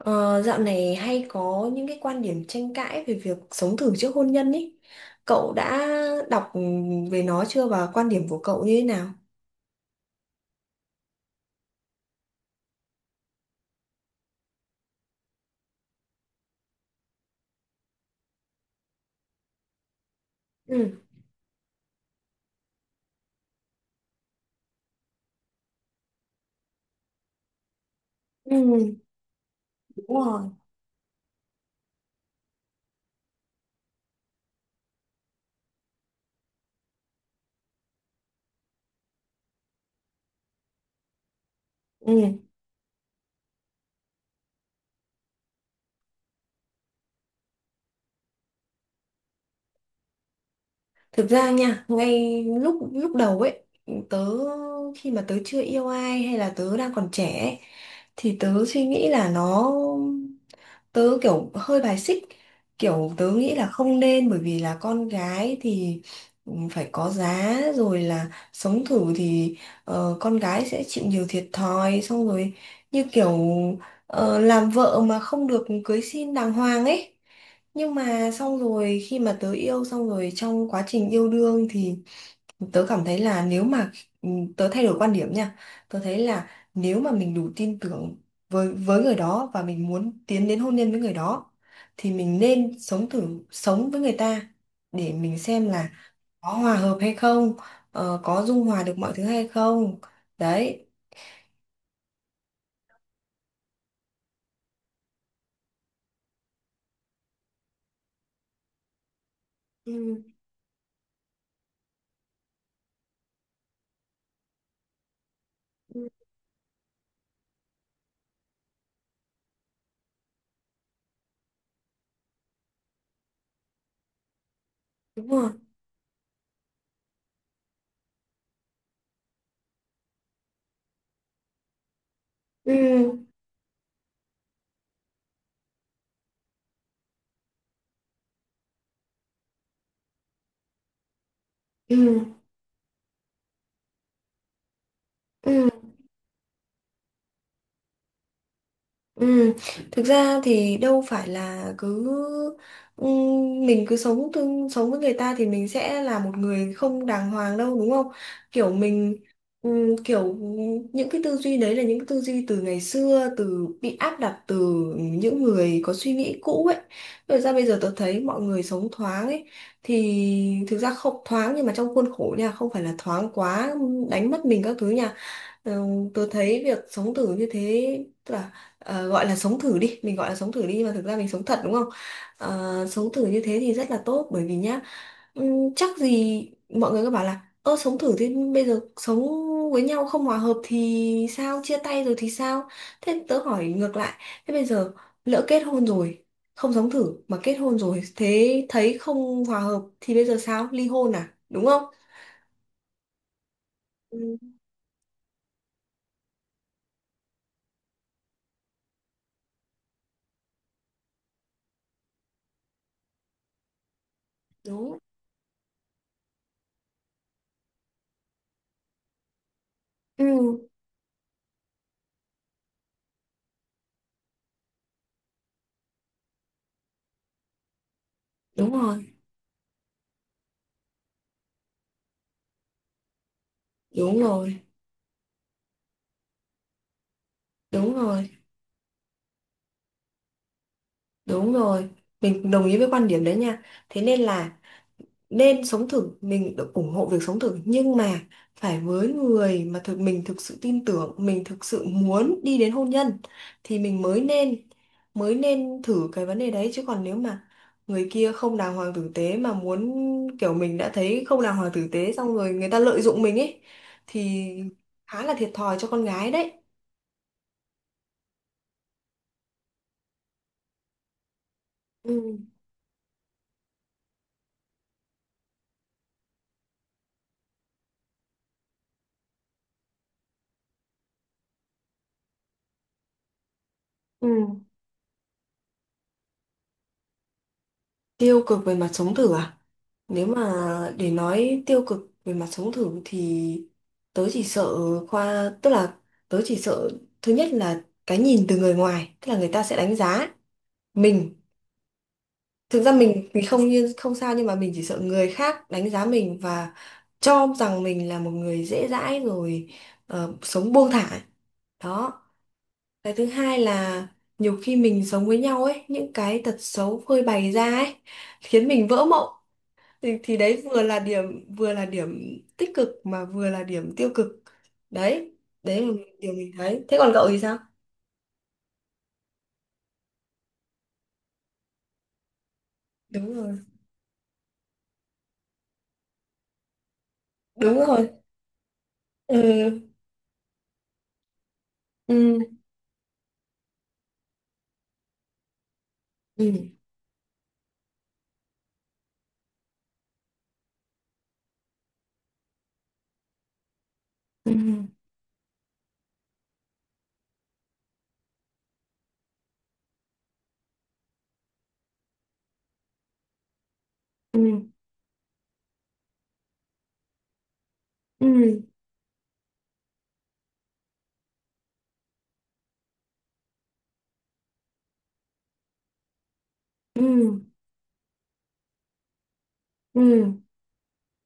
Ờ, Dạo này hay có những cái quan điểm tranh cãi về việc sống thử trước hôn nhân ý. Cậu đã đọc về nó chưa và quan điểm của cậu như thế nào? Ừ. Ừ, đúng rồi. Ừ. Thực ra nha, ngay lúc lúc đầu ấy, tớ khi mà tớ chưa yêu ai hay là tớ đang còn trẻ ấy, thì tớ suy nghĩ là nó tớ kiểu hơi bài xích, kiểu tớ nghĩ là không nên, bởi vì là con gái thì phải có giá, rồi là sống thử thì con gái sẽ chịu nhiều thiệt thòi. Xong rồi như kiểu làm vợ mà không được cưới xin đàng hoàng ấy. Nhưng mà xong rồi khi mà tớ yêu, xong rồi trong quá trình yêu đương thì tớ cảm thấy là nếu mà tớ thay đổi quan điểm nha, tớ thấy là nếu mà mình đủ tin tưởng với người đó và mình muốn tiến đến hôn nhân với người đó thì mình nên sống thử, sống với người ta để mình xem là có hòa hợp hay không, có dung hòa được mọi thứ hay không. Đấy. Ừ. Ừ. Đúng rồi. Ừ. Ừ. Ừ. Ừ, thực ra thì đâu phải là cứ mình cứ sống tương sống với người ta thì mình sẽ là một người không đàng hoàng đâu, đúng không? Kiểu mình kiểu những cái tư duy đấy là những cái tư duy từ ngày xưa, từ bị áp đặt từ những người có suy nghĩ cũ ấy. Rồi ra bây giờ tôi thấy mọi người sống thoáng ấy thì thực ra không thoáng, nhưng mà trong khuôn khổ nha, không phải là thoáng quá đánh mất mình các thứ nha. Ừ. Tôi thấy việc sống thử như thế tức là gọi là sống thử đi, mình gọi là sống thử đi, nhưng mà thực ra mình sống thật đúng không. Ờ, sống thử như thế thì rất là tốt, bởi vì nhá chắc gì, mọi người cứ bảo là ơ sống thử thì bây giờ sống với nhau không hòa hợp thì sao, chia tay rồi thì sao. Thế tớ hỏi ngược lại, thế bây giờ lỡ kết hôn rồi, không sống thử mà kết hôn rồi, thế thấy không hòa hợp thì bây giờ sao, ly hôn à, đúng không. Ừ. Đúng. Ừ, đúng rồi. Đúng rồi. Đúng rồi, đúng rồi. Mình đồng ý với quan điểm đấy nha. Thế nên là nên sống thử, mình được ủng hộ việc sống thử, nhưng mà phải với người mà mình thực sự tin tưởng, mình thực sự muốn đi đến hôn nhân thì mình mới nên, mới nên thử cái vấn đề đấy. Chứ còn nếu mà người kia không đàng hoàng tử tế mà muốn, kiểu mình đã thấy không đàng hoàng tử tế xong rồi người ta lợi dụng mình ấy thì khá là thiệt thòi cho con gái đấy. Ừ. Ừ. Tiêu cực về mặt sống thử à? Nếu mà để nói tiêu cực về mặt sống thử thì tớ chỉ sợ tức là tớ chỉ sợ thứ nhất là cái nhìn từ người ngoài, tức là người ta sẽ đánh giá mình. Thực ra mình thì không, như không sao, nhưng mà mình chỉ sợ người khác đánh giá mình và cho rằng mình là một người dễ dãi, rồi sống buông thả. Đó. Cái thứ hai là nhiều khi mình sống với nhau ấy, những cái tật xấu phơi bày ra ấy khiến mình vỡ mộng. Thì đấy vừa là điểm, vừa là điểm tích cực mà vừa là điểm tiêu cực đấy. Đấy là điều mình thấy, thế còn cậu thì sao. Đúng rồi. Đúng rồi. Ừ. Ừ. Ừ. Ừ. Ừ. Ừ. Ừ. Ừ.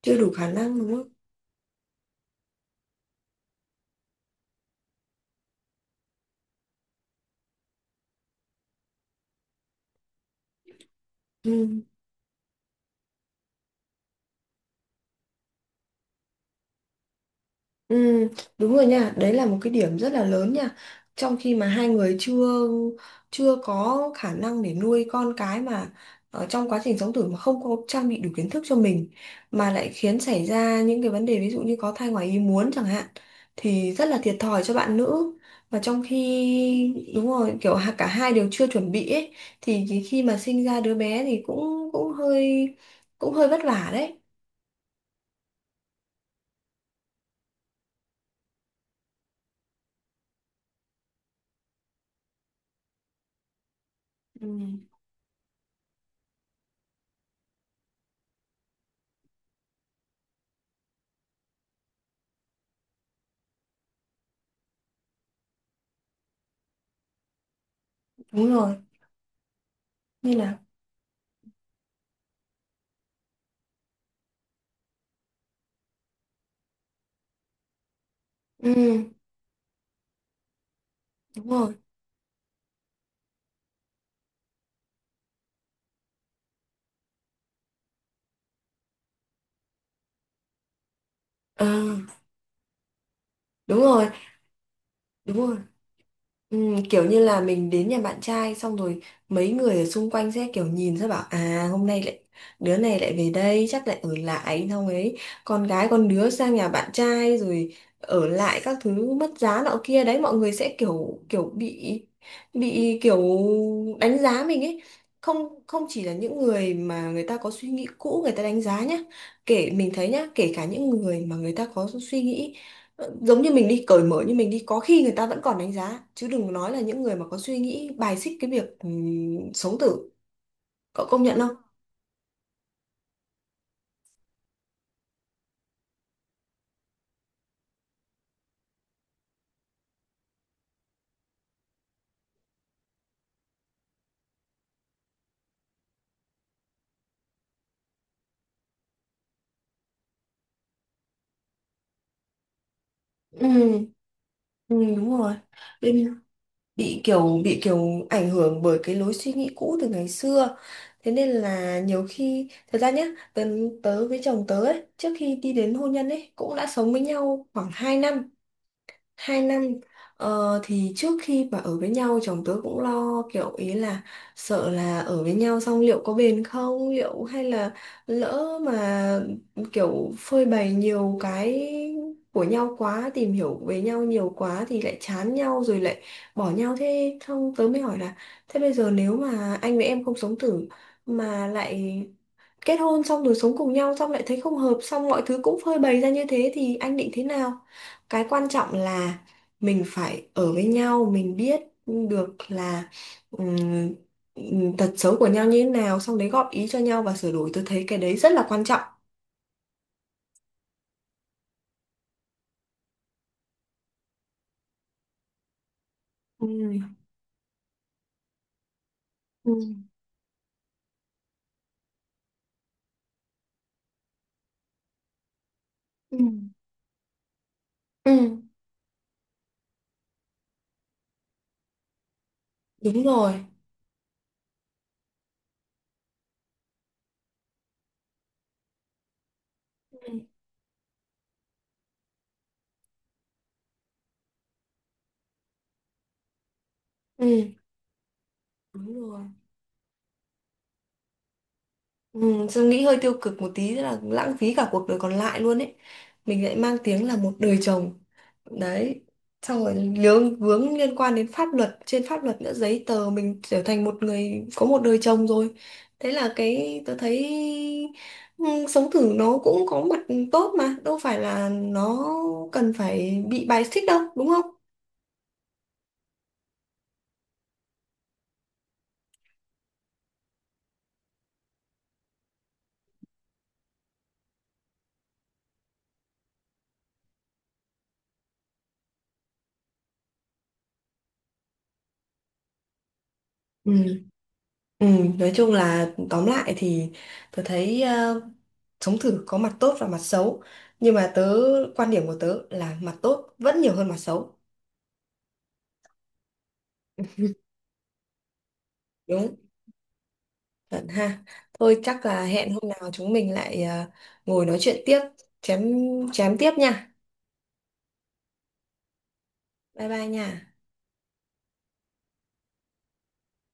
Chưa đủ khả năng đúng không. Ừ. Ừ, đúng rồi nha, đấy là một cái điểm rất là lớn nha. Trong khi mà hai người chưa chưa có khả năng để nuôi con cái, mà ở trong quá trình sống thử mà không có trang bị đủ kiến thức cho mình, mà lại khiến xảy ra những cái vấn đề, ví dụ như có thai ngoài ý muốn chẳng hạn, thì rất là thiệt thòi cho bạn nữ. Và trong khi đúng rồi, kiểu cả hai đều chưa chuẩn bị ấy thì cái khi mà sinh ra đứa bé thì cũng cũng hơi, cũng hơi vất vả đấy. Ừ, đúng rồi. Như là ừ, đúng rồi. Ờ, đúng rồi, đúng rồi. Ừ, kiểu như là mình đến nhà bạn trai xong rồi mấy người ở xung quanh sẽ kiểu nhìn, sẽ bảo à hôm nay lại, đứa này lại về đây chắc lại ở lại xong ấy, con gái con đứa sang nhà bạn trai rồi ở lại các thứ, mất giá nọ kia đấy, mọi người sẽ kiểu kiểu bị kiểu đánh giá mình ấy. Không không chỉ là những người mà người ta có suy nghĩ cũ người ta đánh giá nhá, kể mình thấy nhá, kể cả những người mà người ta có suy nghĩ giống như mình đi, cởi mở như mình đi, có khi người ta vẫn còn đánh giá, chứ đừng nói là những người mà có suy nghĩ bài xích cái việc sống tử. Cậu công nhận không. Ừ, ừ đúng rồi. Bên- bị kiểu, bị kiểu ảnh hưởng bởi cái lối suy nghĩ cũ từ ngày xưa. Thế nên là nhiều khi thật ra nhá, tớ, tớ với chồng tớ ấy trước khi đi đến hôn nhân ấy cũng đã sống với nhau khoảng 2 năm, hai năm. Ờ, thì trước khi mà ở với nhau chồng tớ cũng lo kiểu ý là sợ là ở với nhau xong liệu có bền không, liệu hay là lỡ mà kiểu phơi bày nhiều cái của nhau quá, tìm hiểu về nhau nhiều quá thì lại chán nhau rồi lại bỏ nhau. Thế xong tớ mới hỏi là thế bây giờ nếu mà anh với em không sống thử mà lại kết hôn xong rồi sống cùng nhau, xong lại thấy không hợp, xong mọi thứ cũng phơi bày ra như thế thì anh định thế nào. Cái quan trọng là mình phải ở với nhau mình biết được là ừm, tật xấu của nhau như thế nào, xong đấy góp ý cho nhau và sửa đổi, tôi thấy cái đấy rất là quan trọng. Ừ. Ừ. Ừ. Ừ đúng rồi. Ừ. Ừ đúng rồi. Ừ, tôi nghĩ hơi tiêu cực một tí là lãng phí cả cuộc đời còn lại luôn ấy, mình lại mang tiếng là một đời chồng đấy. Xong rồi lướng vướng liên quan đến pháp luật, trên pháp luật nữa giấy tờ mình trở thành một người có một đời chồng rồi. Thế là cái tôi thấy ừ, sống thử nó cũng có mặt tốt, mà đâu phải là nó cần phải bị bài xích đâu, đúng không. Ừ. Ừ, nói chung là tóm lại thì tôi thấy sống thử có mặt tốt và mặt xấu, nhưng mà tớ, quan điểm của tớ là mặt tốt vẫn nhiều hơn mặt xấu. Đúng không? Chuẩn ha. Thôi chắc là hẹn hôm nào chúng mình lại ngồi nói chuyện tiếp, chém chém tiếp nha. Bye bye nha.